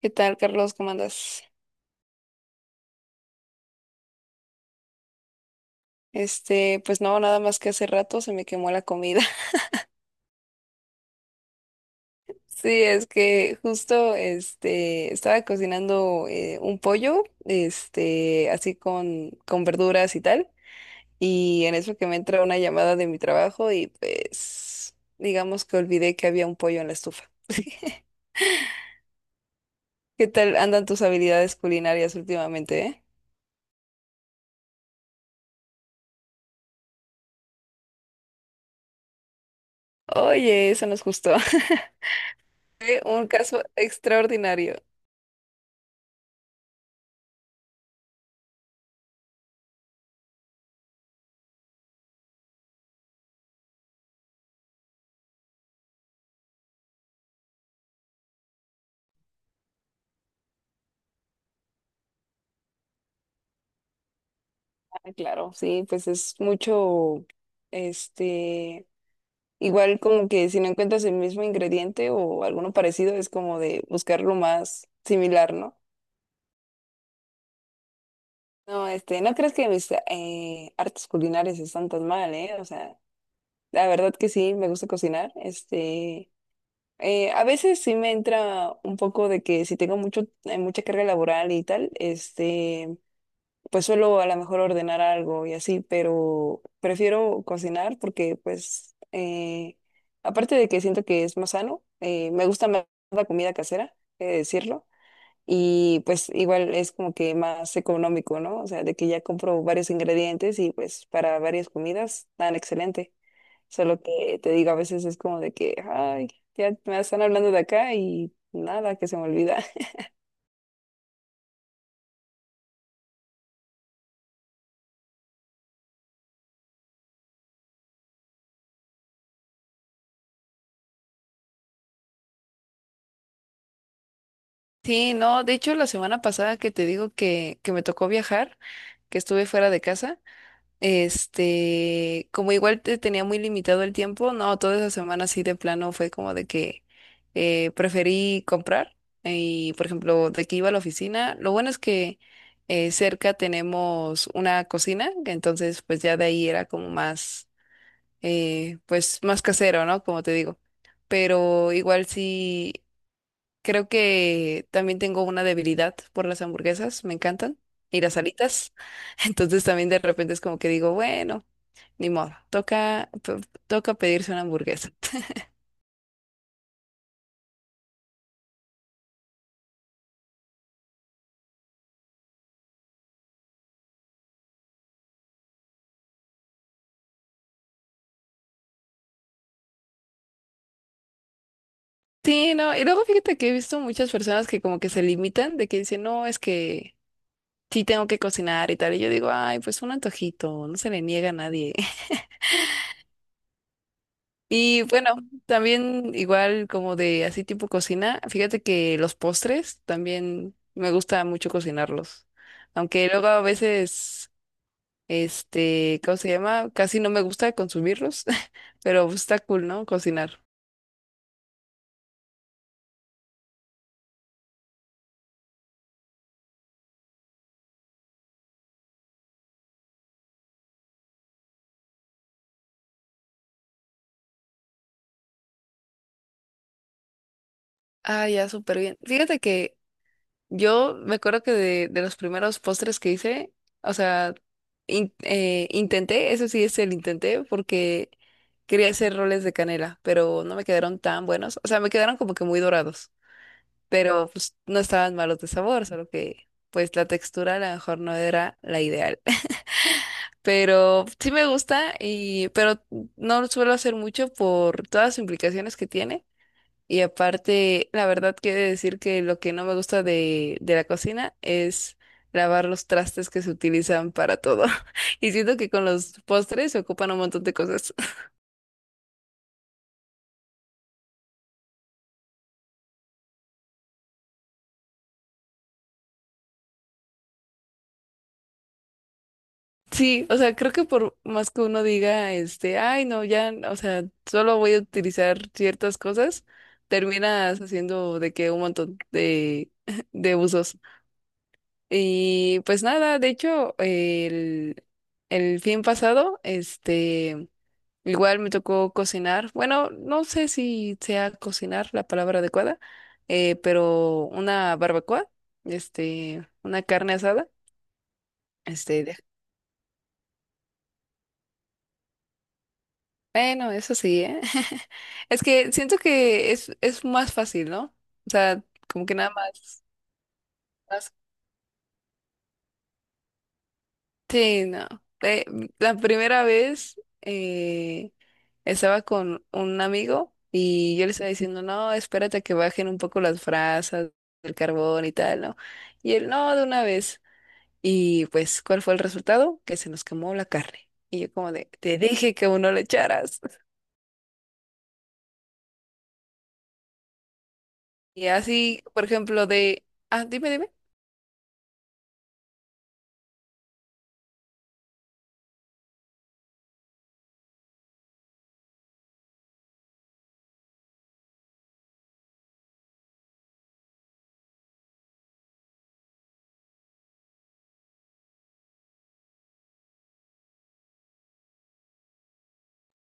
¿Qué tal, Carlos? ¿Cómo andas? Pues no, nada más que hace rato se me quemó la comida. Sí, es que justo estaba cocinando un pollo, así con verduras y tal, y en eso que me entra una llamada de mi trabajo y pues digamos que olvidé que había un pollo en la estufa. ¿Qué tal andan tus habilidades culinarias últimamente, Oye, eso nos gustó. Fue un caso extraordinario. Ah, claro, sí, pues es mucho, este, igual como que si no encuentras el mismo ingrediente o alguno parecido, es como de buscar lo más similar, ¿no? No, no crees que mis artes culinarias están tan mal, ¿eh? O sea, la verdad que sí, me gusta cocinar, a veces sí me entra un poco de que si tengo mucha carga laboral y tal, pues suelo a lo mejor ordenar algo y así, pero prefiero cocinar porque aparte de que siento que es más sano, me gusta más la comida casera, he de decirlo, y pues igual es como que más económico, ¿no? O sea, de que ya compro varios ingredientes y pues para varias comidas tan excelente. Solo que te digo, a veces es como de que, ay, ya me están hablando de acá y nada, que se me olvida. Sí, no, de hecho la semana pasada que te digo que me tocó viajar, que estuve fuera de casa, como igual te tenía muy limitado el tiempo, no, toda esa semana sí de plano fue como de que preferí comprar y, por ejemplo, de que iba a la oficina, lo bueno es que cerca tenemos una cocina, entonces pues ya de ahí era como más, pues más casero, ¿no? Como te digo, pero igual sí. Creo que también tengo una debilidad por las hamburguesas, me encantan, y las alitas. Entonces también de repente es como que digo, bueno, ni modo, toca pedirse una hamburguesa. Sí, no, y luego fíjate que he visto muchas personas que como que se limitan, de que dicen, no, es que sí tengo que cocinar y tal, y yo digo, ay, pues un antojito, no se le niega a nadie. Y bueno, también igual como de así tipo cocina, fíjate que los postres también me gusta mucho cocinarlos. Aunque luego a veces, ¿cómo se llama? Casi no me gusta consumirlos, pero está cool, ¿no? Cocinar. Ah, ya, súper bien. Fíjate que yo me acuerdo que de los primeros postres que hice, o sea, intenté, eso sí es el intenté, porque quería hacer roles de canela, pero no me quedaron tan buenos. O sea, me quedaron como que muy dorados, pero pues no estaban malos de sabor, solo que pues la textura a lo mejor no era la ideal. Pero sí me gusta y pero no lo suelo hacer mucho por todas las implicaciones que tiene. Y aparte, la verdad quiero decir que lo que no me gusta de la cocina es lavar los trastes que se utilizan para todo. Y siento que con los postres se ocupan un montón de cosas. Sí, o sea, creo que por más que uno diga, ay, no, ya, no, o sea, solo voy a utilizar ciertas cosas, terminas haciendo de que un montón de, de usos. Y pues nada, de hecho, el fin pasado, igual me tocó cocinar. Bueno, no sé si sea cocinar la palabra adecuada, pero una barbacoa, una carne asada, este, de- bueno, eso sí, ¿eh? Es que siento que es más fácil, ¿no? O sea, como que nada más, más. Sí, no. Eh, la primera vez estaba con un amigo y yo le estaba diciendo, no, espérate a que bajen un poco las brasas, el carbón y tal, ¿no? Y él, no, de una vez. Y pues, ¿cuál fue el resultado? Que se nos quemó la carne. Y yo como de, te dije que uno le echaras. Y así, por ejemplo, de, ah, dime, dime.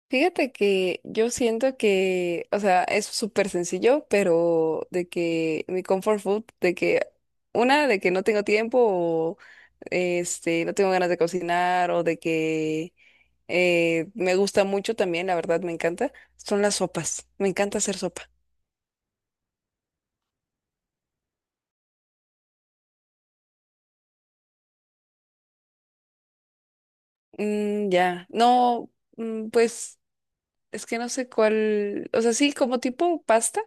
Fíjate que yo siento que, o sea, es súper sencillo, pero de que mi comfort food, de que una, de que no tengo tiempo o no tengo ganas de cocinar o de que me gusta mucho también, la verdad me encanta, son las sopas. Me encanta hacer sopa. Mm, ya, no, mm, pues es que no sé cuál, o sea, sí, como tipo pasta,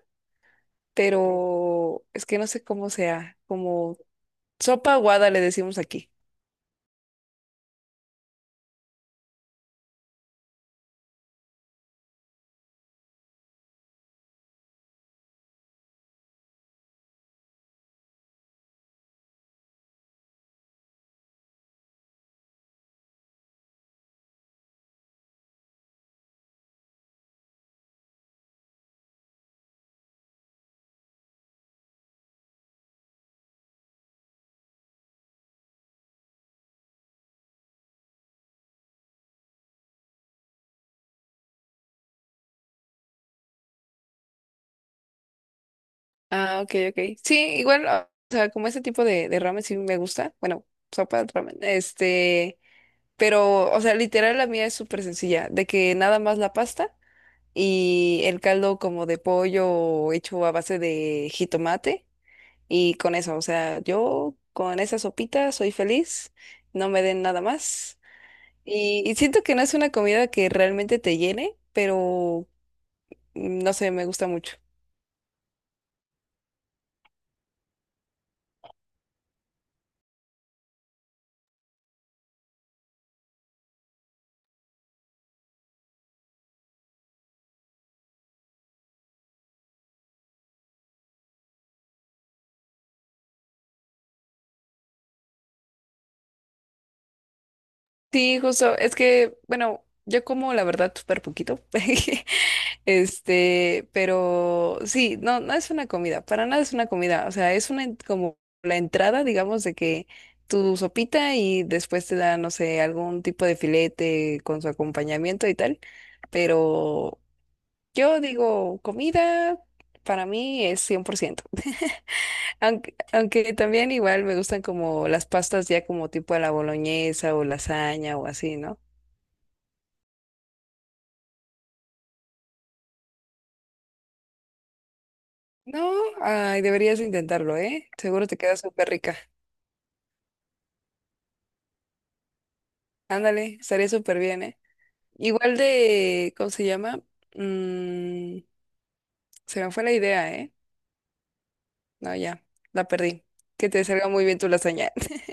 pero es que no sé cómo sea, como sopa aguada le decimos aquí. Ah, ok, ok. Sí, igual, o sea, como ese tipo de ramen sí me gusta. Bueno, sopa de ramen. Pero, o sea, literal la mía es súper sencilla, de que nada más la pasta y el caldo como de pollo hecho a base de jitomate y con eso, o sea, yo con esa sopita soy feliz, no me den nada más. Y siento que no es una comida que realmente te llene, pero mm, no sé, me gusta mucho. Sí, justo, es que, bueno, yo como la verdad súper poquito, pero sí, no, no es una comida, para nada es una comida, o sea, es una como la entrada, digamos, de que tu sopita y después te da, no sé, algún tipo de filete con su acompañamiento y tal, pero yo digo, comida para mí es 100% aunque, aunque también igual me gustan como las pastas ya como tipo a la boloñesa o lasaña o así, ¿no? No, ay, deberías intentarlo, ¿eh? Seguro te queda súper rica. Ándale, estaría súper bien, ¿eh? Igual de, ¿cómo se llama? Mm, se me fue la idea, ¿eh? No, ya, la perdí. Que te salga muy bien tu lasaña.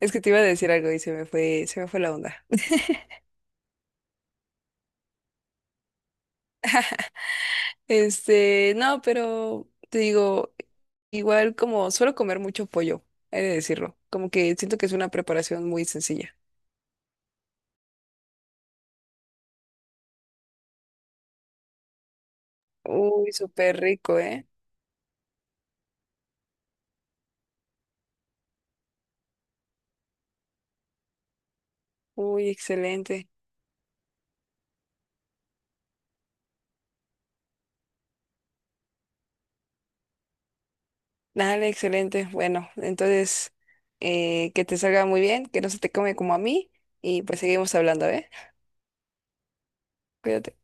Es que te iba a decir algo y se me fue la onda. No, pero te digo, igual como suelo comer mucho pollo, he de decirlo. Como que siento que es una preparación muy sencilla. Uy, súper rico, ¿eh? Uy, excelente. Dale, excelente. Bueno, entonces, que te salga muy bien, que no se te come como a mí y pues seguimos hablando, ¿eh? Cuídate.